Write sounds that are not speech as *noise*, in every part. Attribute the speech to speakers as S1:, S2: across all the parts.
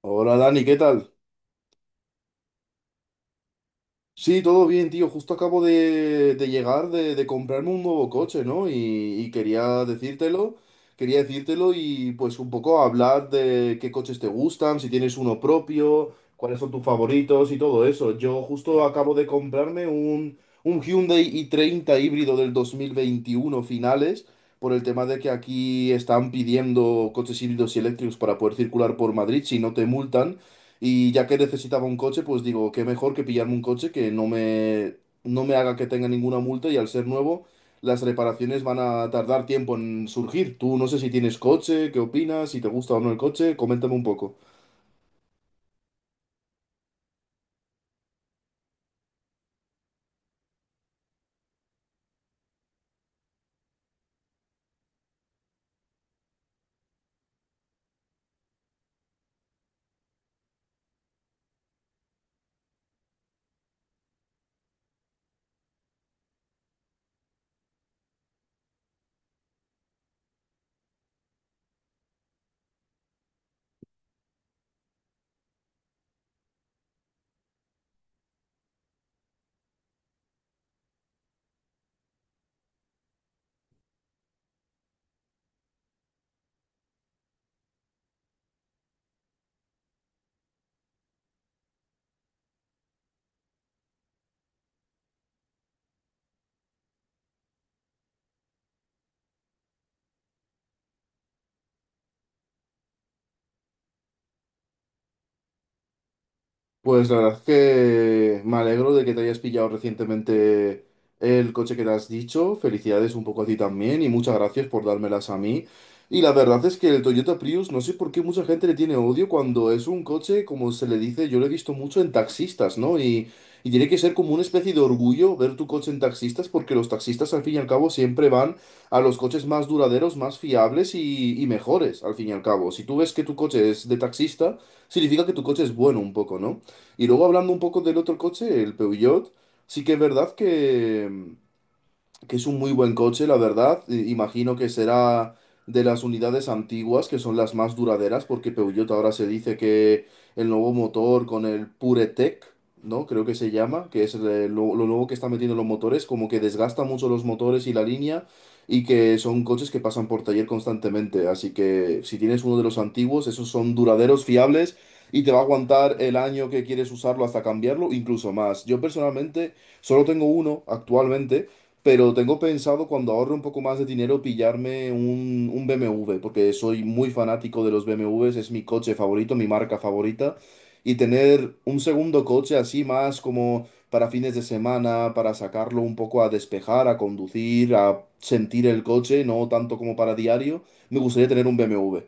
S1: Hola Dani, ¿qué tal? Sí, todo bien, tío. Justo acabo de llegar de comprarme un nuevo coche, ¿no? Y quería decírtelo y pues un poco hablar de qué coches te gustan, si tienes uno propio, cuáles son tus favoritos y todo eso. Yo justo acabo de comprarme un Hyundai i30 híbrido del 2021 finales, por el tema de que aquí están pidiendo coches híbridos y eléctricos para poder circular por Madrid si no te multan. Y ya que necesitaba un coche, pues digo, qué mejor que pillarme un coche que no me haga que tenga ninguna multa y al ser nuevo, las reparaciones van a tardar tiempo en surgir. Tú no sé si tienes coche, qué opinas, si te gusta o no el coche, coméntame un poco. Pues la verdad es que me alegro de que te hayas pillado recientemente el coche que te has dicho. Felicidades un poco a ti también y muchas gracias por dármelas a mí. Y la verdad es que el Toyota Prius, no sé por qué mucha gente le tiene odio cuando es un coche, como se le dice, yo lo he visto mucho en taxistas, ¿no? Y tiene que ser como una especie de orgullo ver tu coche en taxistas porque los taxistas al fin y al cabo siempre van a los coches más duraderos, más fiables y mejores al fin y al cabo. Si tú ves que tu coche es de taxista, significa que tu coche es bueno un poco, ¿no? Y luego hablando un poco del otro coche, el Peugeot, sí que es verdad que es un muy buen coche, la verdad. Imagino que será de las unidades antiguas, que son las más duraderas, porque Peugeot ahora se dice que el nuevo motor con el PureTech, ¿no? Creo que se llama, que es lo nuevo que está metiendo en los motores, como que desgasta mucho los motores y la línea, y que son coches que pasan por taller constantemente. Así que si tienes uno de los antiguos, esos son duraderos, fiables. Y te va a aguantar el año que quieres usarlo hasta cambiarlo, incluso más. Yo personalmente solo tengo uno actualmente, pero tengo pensado cuando ahorre un poco más de dinero pillarme un BMW, porque soy muy fanático de los BMWs, es mi coche favorito, mi marca favorita. Y tener un segundo coche así más como para fines de semana, para sacarlo un poco a despejar, a conducir, a sentir el coche, no tanto como para diario, me gustaría tener un BMW.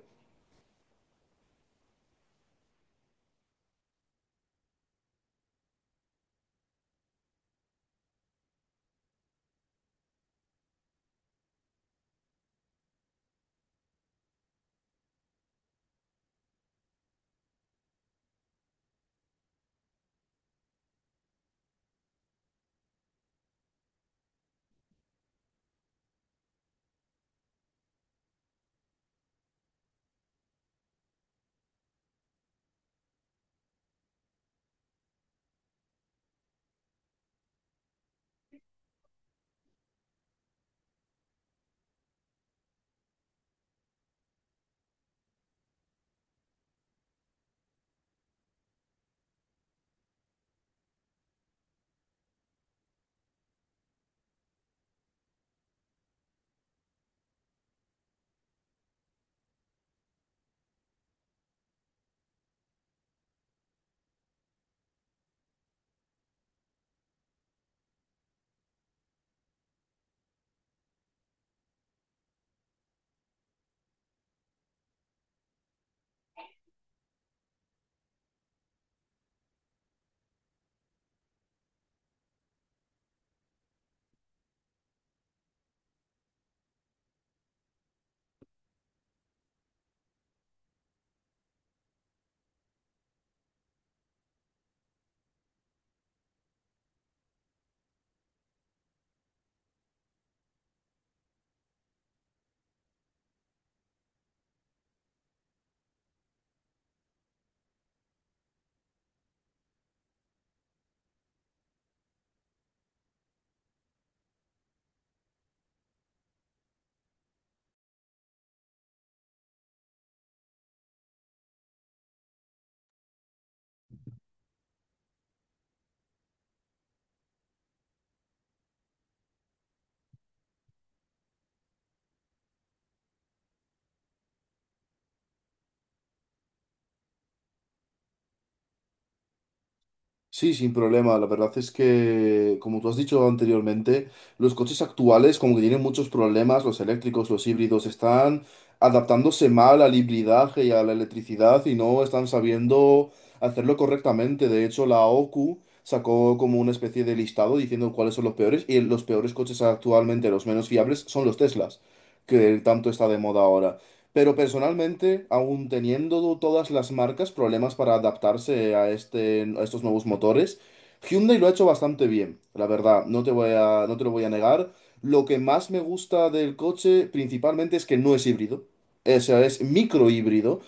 S1: Sí, sin problema. La verdad es que, como tú has dicho anteriormente, los coches actuales como que tienen muchos problemas, los eléctricos, los híbridos, están adaptándose mal al hibridaje y a la electricidad y no están sabiendo hacerlo correctamente. De hecho, la OQ sacó como una especie de listado diciendo cuáles son los peores y los peores coches actualmente, los menos fiables, son los Teslas, que tanto está de moda ahora. Pero personalmente, aún teniendo todas las marcas problemas para adaptarse a este, a estos nuevos motores, Hyundai lo ha hecho bastante bien, la verdad, no te lo voy a negar. Lo que más me gusta del coche principalmente es que no es híbrido, o sea, es microhíbrido.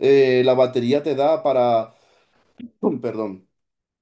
S1: La batería te da para... *clears throat* Perdón,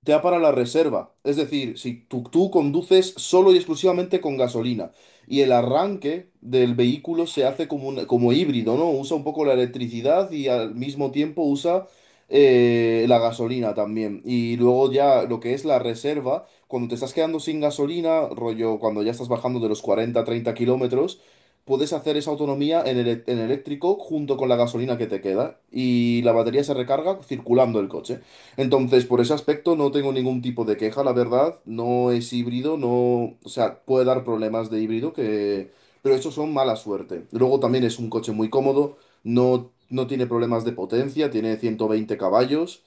S1: te da para la reserva. Es decir, si tú conduces solo y exclusivamente con gasolina y el arranque del vehículo se hace como, como híbrido, ¿no? Usa un poco la electricidad y al mismo tiempo usa la gasolina también. Y luego ya lo que es la reserva, cuando te estás quedando sin gasolina, rollo, cuando ya estás bajando de los 40 30 kilómetros. Puedes hacer esa autonomía en, en eléctrico junto con la gasolina que te queda y la batería se recarga circulando el coche. Entonces, por ese aspecto no tengo ningún tipo de queja, la verdad. No es híbrido, no, o sea, puede dar problemas de híbrido que, pero estos son mala suerte. Luego también es un coche muy cómodo, no tiene problemas de potencia, tiene 120 caballos,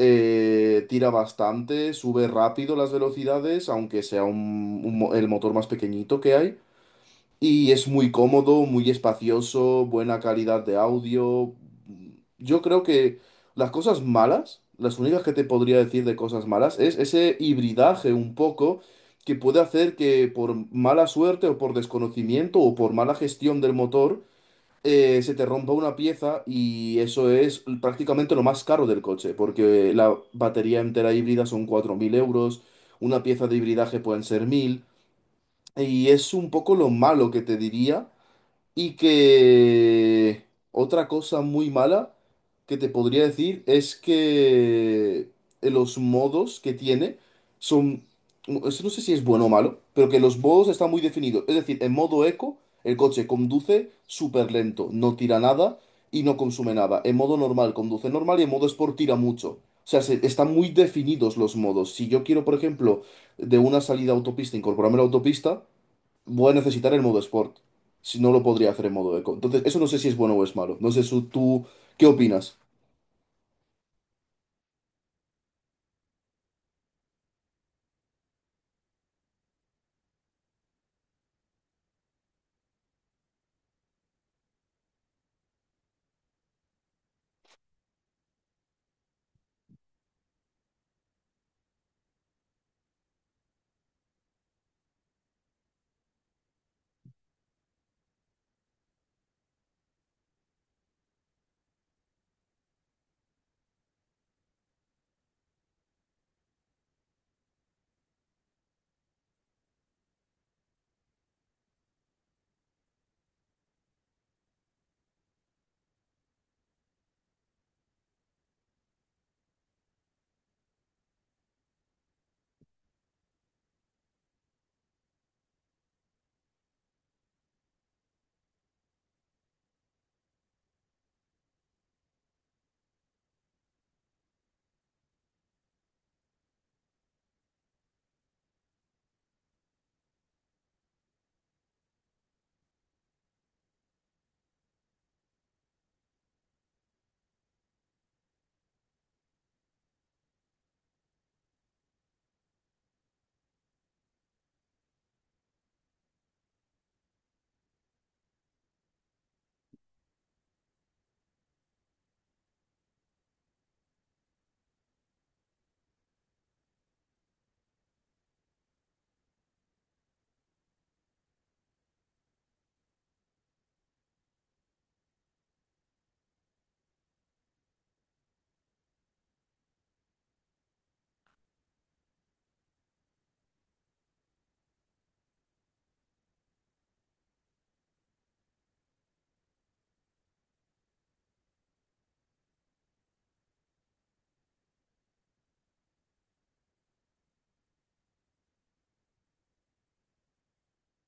S1: tira bastante, sube rápido las velocidades, aunque sea el motor más pequeñito que hay. Y es muy cómodo, muy espacioso, buena calidad de audio. Yo creo que las cosas malas, las únicas que te podría decir de cosas malas, es ese hibridaje un poco que puede hacer que por mala suerte o por desconocimiento o por mala gestión del motor, se te rompa una pieza y eso es prácticamente lo más caro del coche, porque la batería entera híbrida son 4.000 euros, una pieza de hibridaje pueden ser 1.000. Y es un poco lo malo que te diría, y que otra cosa muy mala que te podría decir es que los modos que tiene son... Eso, no sé si es bueno o malo, pero que los modos están muy definidos. Es decir, en modo eco, el coche conduce súper lento, no tira nada y no consume nada. En modo normal, conduce normal y en modo sport tira mucho. O sea, están muy definidos los modos. Si yo quiero, por ejemplo, de una salida a autopista incorporarme a la autopista, voy a necesitar el modo Sport. Si no lo podría hacer en modo Eco. Entonces, eso no sé si es bueno o es malo. No sé su- Tú, ¿qué opinas?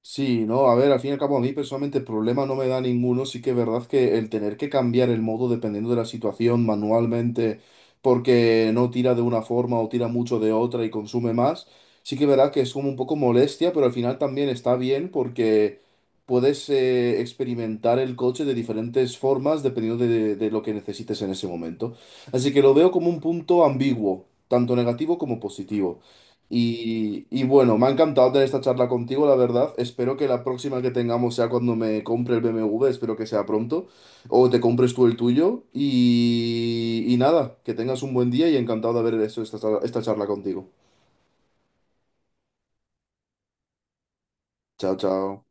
S1: Sí, no, a ver, al fin y al cabo a mí personalmente el problema no me da ninguno, sí que es verdad que el tener que cambiar el modo dependiendo de la situación manualmente porque no tira de una forma o tira mucho de otra y consume más, sí que es verdad que es como un poco molestia, pero al final también está bien porque puedes experimentar el coche de diferentes formas dependiendo de lo que necesites en ese momento. Así que lo veo como un punto ambiguo, tanto negativo como positivo. Y bueno, me ha encantado tener esta charla contigo, la verdad. Espero que la próxima que tengamos sea cuando me compre el BMW, espero que sea pronto, o te compres tú el tuyo. Y nada, que tengas un buen día y encantado de haber hecho esta charla contigo. Chao, chao.